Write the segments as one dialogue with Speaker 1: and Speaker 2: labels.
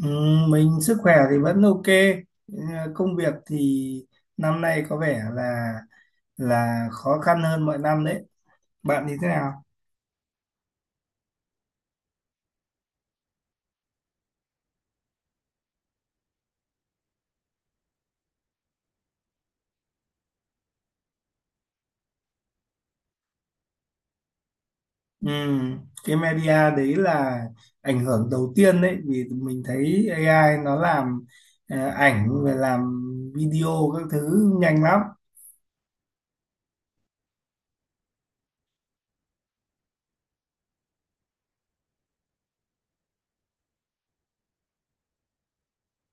Speaker 1: Ừ, mình sức khỏe thì vẫn ok. Ừ, công việc thì năm nay có vẻ là khó khăn hơn mọi năm đấy. Bạn thì thế nào? Ừ, cái media đấy là ảnh hưởng đầu tiên đấy, vì mình thấy AI nó làm ảnh và làm video các thứ nhanh lắm.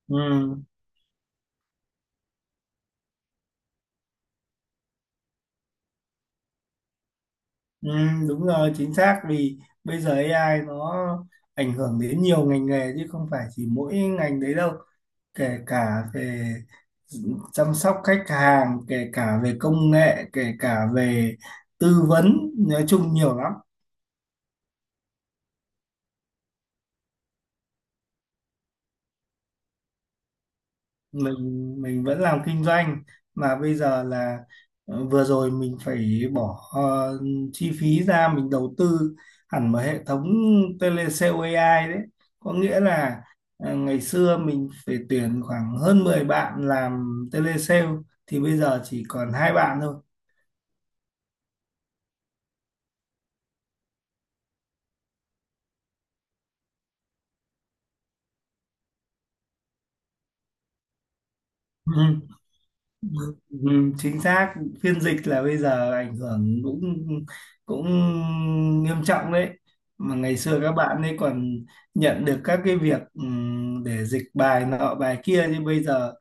Speaker 1: Ừ, ừ, đúng rồi, chính xác. Vì bây giờ AI nó ảnh hưởng đến nhiều ngành nghề chứ không phải chỉ mỗi ngành đấy đâu. Kể cả về chăm sóc khách hàng, kể cả về công nghệ, kể cả về tư vấn, nói chung nhiều lắm. Mình mình vẫn làm kinh doanh. Mà bây giờ là vừa rồi mình phải bỏ chi phí ra, mình đầu tư hẳn một hệ thống telesale AI đấy. Có nghĩa là ngày xưa mình phải tuyển khoảng hơn 10 bạn làm telesale, thì bây giờ chỉ còn 2 bạn thôi. Ừ. Ừ, chính xác. Phiên dịch là bây giờ ảnh hưởng cũng cũng nghiêm trọng đấy. Mà ngày xưa các bạn ấy còn nhận được các cái việc để dịch bài nọ bài kia, nhưng bây giờ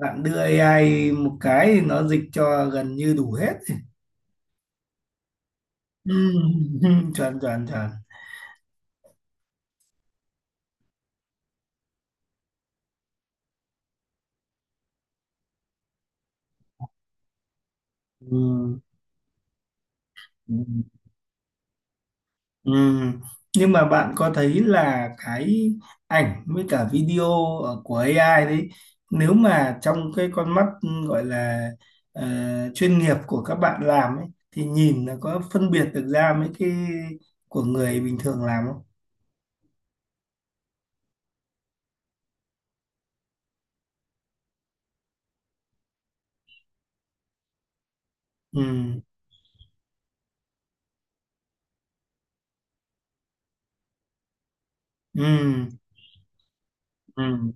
Speaker 1: bạn đưa AI một cái thì nó dịch cho gần như đủ hết. Ừ, chuẩn chuẩn chuẩn. Ừ. Ừm, nhưng mà bạn có thấy là cái ảnh với cả video của AI đấy, nếu mà trong cái con mắt gọi là ờ, chuyên nghiệp của các bạn làm ấy, thì nhìn nó có phân biệt được ra mấy cái của người bình thường làm không? Ừ, ừ, ừ,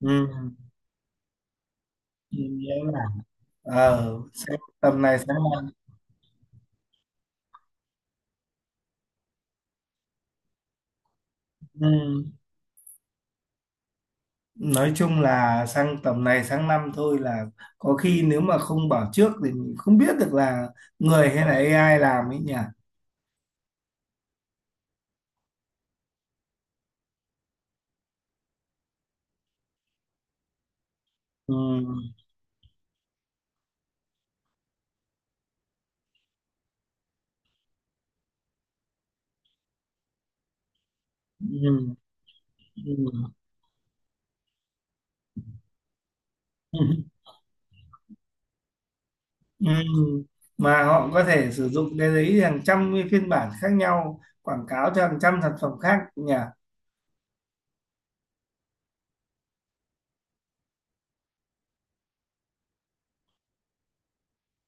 Speaker 1: ừ. Nghĩa là xem tầm này sáng mai. Nói chung là sang tầm này sang năm thôi là có khi nếu mà không bảo trước thì mình không biết được là người hay là AI làm ấy nhỉ. Ừ, ừ, ừ, ừ. Ừ. Mà họ có thể sử dụng cái đấy hàng trăm cái phiên bản khác nhau quảng cáo cho hàng trăm sản phẩm khác nhỉ.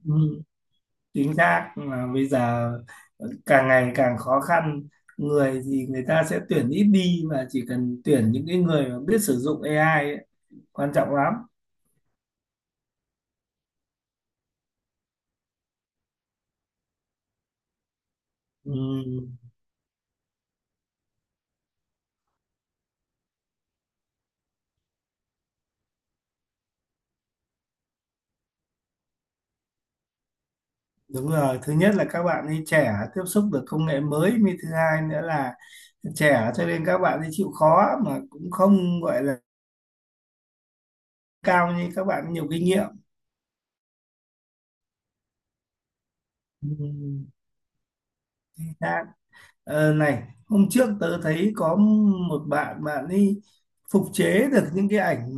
Speaker 1: Ừ, chính xác. Mà bây giờ càng ngày càng khó khăn, người thì người ta sẽ tuyển ít đi, mà chỉ cần tuyển những cái người mà biết sử dụng AI ấy, quan trọng lắm. Ừ. Đúng rồi, thứ nhất là các bạn ấy trẻ, tiếp xúc được công nghệ mới. Thứ hai nữa là trẻ cho nên các bạn ấy chịu khó, mà cũng không gọi là cao như các bạn nhiều kinh nghiệm. Ừ. Chính xác. Ờ, này, hôm trước tớ thấy có một bạn bạn ấy phục chế được những cái ảnh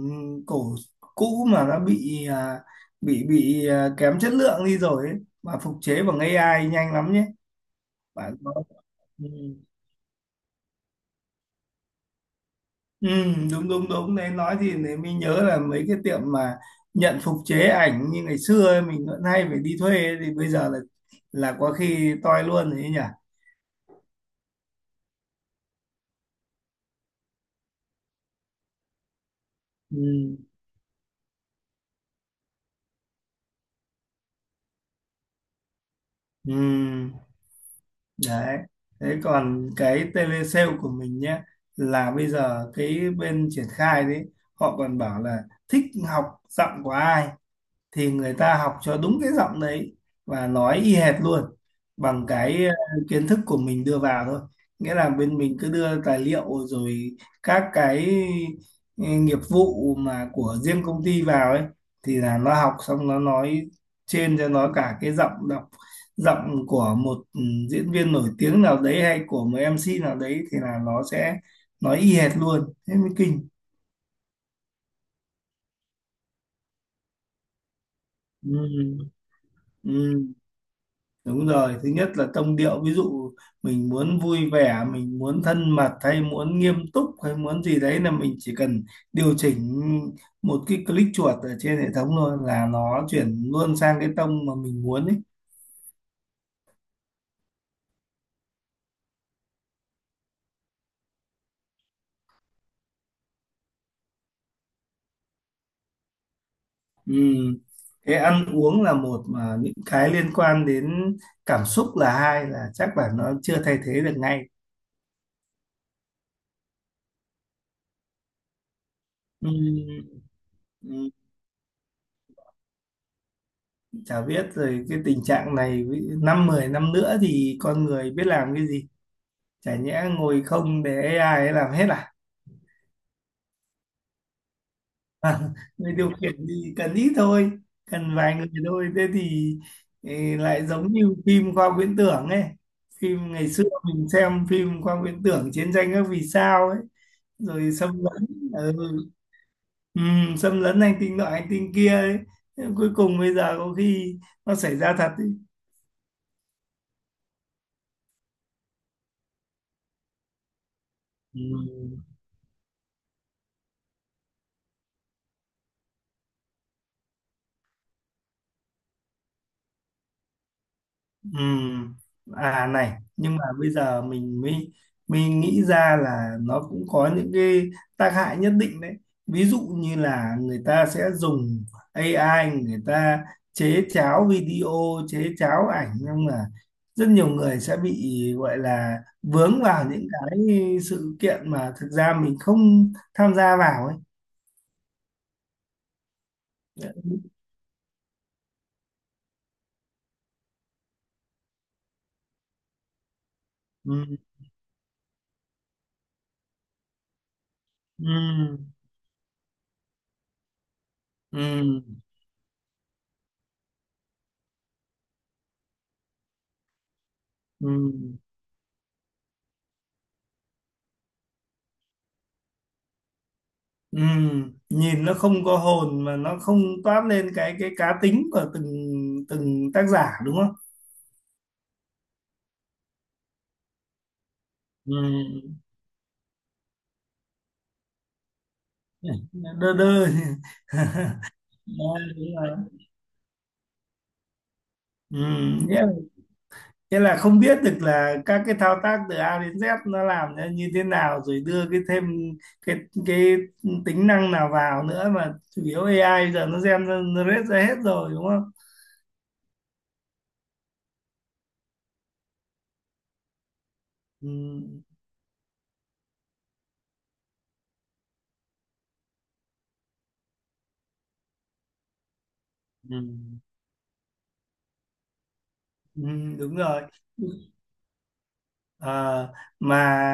Speaker 1: cổ cũ, mà nó bị à, bị bị à, kém chất lượng đi rồi ấy, mà phục chế bằng AI nhanh lắm nhé. Bạn có. Ừ. Ừ, đúng đúng đúng đấy, nói thì để mình nhớ là mấy cái tiệm mà nhận phục chế ảnh như ngày xưa ấy, mình vẫn hay phải đi thuê ấy, thì bây giờ là có khi toi luôn đấy nhỉ. Ừ, ừ, đấy. Thế còn cái telesale của mình nhé, là bây giờ cái bên triển khai đấy, họ còn bảo là thích học giọng của ai thì người ta học cho đúng cái giọng đấy và nói y hệt luôn bằng cái kiến thức của mình đưa vào thôi. Nghĩa là bên mình cứ đưa tài liệu rồi các cái nghiệp vụ mà của riêng công ty vào ấy, thì là nó học xong nó nói trên cho nó cả cái giọng đọc, giọng của một diễn viên nổi tiếng nào đấy hay của một MC nào đấy, thì là nó sẽ nói y hệt luôn, thế mới kinh. Ừ. Ừ. Đúng rồi, thứ nhất là tông điệu, ví dụ mình muốn vui vẻ, mình muốn thân mật hay muốn nghiêm túc hay muốn gì đấy, là mình chỉ cần điều chỉnh một cái click chuột ở trên hệ thống thôi là nó chuyển luôn sang cái tông mà mình muốn ấy. Ừ. Cái ăn uống là một, mà những cái liên quan đến cảm xúc là hai, là chắc là nó chưa thay thế được ngay. Ừ. Ừ. Chả biết rồi cái tình trạng này năm 10 năm nữa thì con người biết làm cái gì. Chả nhẽ ngồi không để AI ấy làm hết à? Người điều khiển thì cần ít thôi, cần vài người thôi, thế thì lại giống như phim khoa học viễn tưởng ấy. Phim ngày xưa mình xem phim khoa học viễn tưởng Chiến Tranh Các Vì Sao ấy, rồi xâm lấn, ừ, ừ, xâm lấn hành tinh nọ hành tinh kia ấy. Thế cuối cùng bây giờ có khi nó xảy ra thật ấy. Ừ. Ừm, à này, nhưng mà bây giờ mình mới nghĩ ra là nó cũng có những cái tác hại nhất định đấy, ví dụ như là người ta sẽ dùng AI, người ta chế cháo video, chế cháo ảnh, nhưng mà rất nhiều người sẽ bị gọi là vướng vào những cái sự kiện mà thực ra mình không tham gia vào ấy. Ừm, ừm, ừm, ừm. ừm. Nhìn nó không có hồn, mà nó không toát lên cái cá tính của từng từng tác giả đúng không? Ừm. Đơ đơ. Đó, đúng rồi. Ừ. Nghĩa, nghĩa là không biết được là các cái thao tác từ A đến Z nó làm ra như thế nào rồi đưa cái thêm cái cái tính năng nào vào nữa, mà chủ yếu AI giờ nó generate ra hết rồi đúng không? Ừm. Ừ. Ừ, đúng rồi. Ờ, mà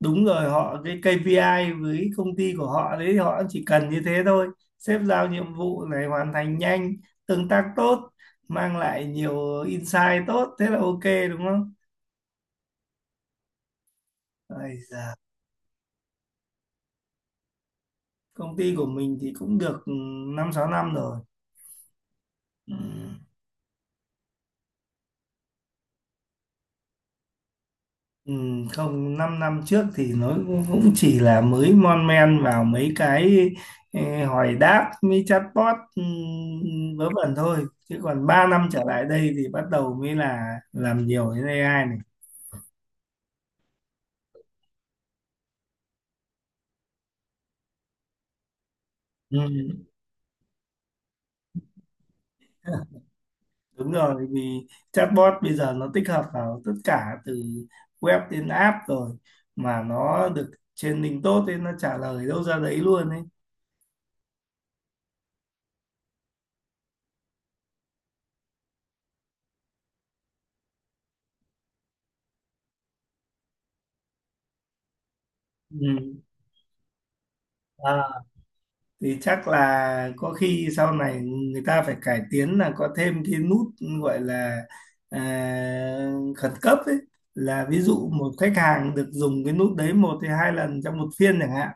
Speaker 1: đúng rồi, họ cái KPI với công ty của họ đấy, họ chỉ cần như thế thôi. Sếp giao nhiệm vụ này, hoàn thành nhanh, tương tác tốt, mang lại nhiều insight tốt, thế là ok, đúng không? Ây da, công ty của mình thì cũng được, ừ, 5 6 năm rồi. Ừ. Ừ, không, 5 năm năm trước thì nó cũng cũng chỉ là mới mon men vào mấy cái hỏi đáp mấy chatbot ừ, vớ vẩn thôi, chứ còn 3 năm trở lại đây thì bắt đầu mới là làm nhiều đến AI này. Ừ, đúng rồi, vì chatbot bây giờ nó tích hợp vào tất cả từ web đến app rồi, mà nó được training tốt nên nó trả lời đâu ra đấy luôn ấy. Ừ. À, thì chắc là có khi sau này người ta phải cải tiến là có thêm cái nút gọi là à, khẩn cấp ấy, là ví dụ một khách hàng được dùng cái nút đấy một hay hai lần trong một phiên chẳng hạn,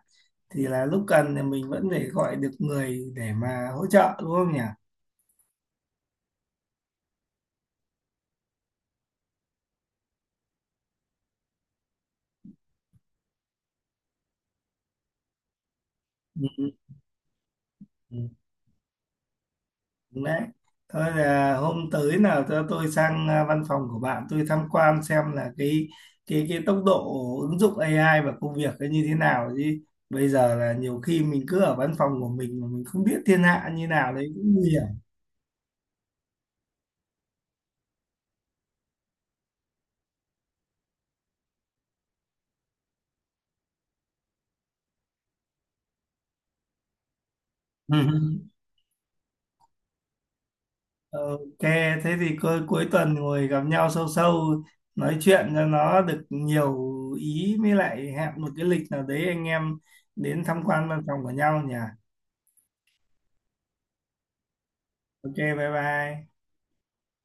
Speaker 1: thì là lúc cần thì mình vẫn phải gọi được người để mà hỗ trợ đúng không nhỉ? Ừ. Đấy. Thôi là hôm tới nào cho tôi sang văn phòng của bạn, tôi tham quan xem là cái tốc độ ứng dụng AI vào công việc nó như thế nào chứ. Bây giờ là nhiều khi mình cứ ở văn phòng của mình mà mình không biết thiên hạ như nào đấy cũng nguy hiểm. Ok, thế thì cuối cuối tuần ngồi gặp nhau sâu sâu nói chuyện cho nó được nhiều ý, mới lại hẹn một cái lịch nào đấy, anh em đến tham quan văn phòng của nhau nhỉ. Ok, bye bye.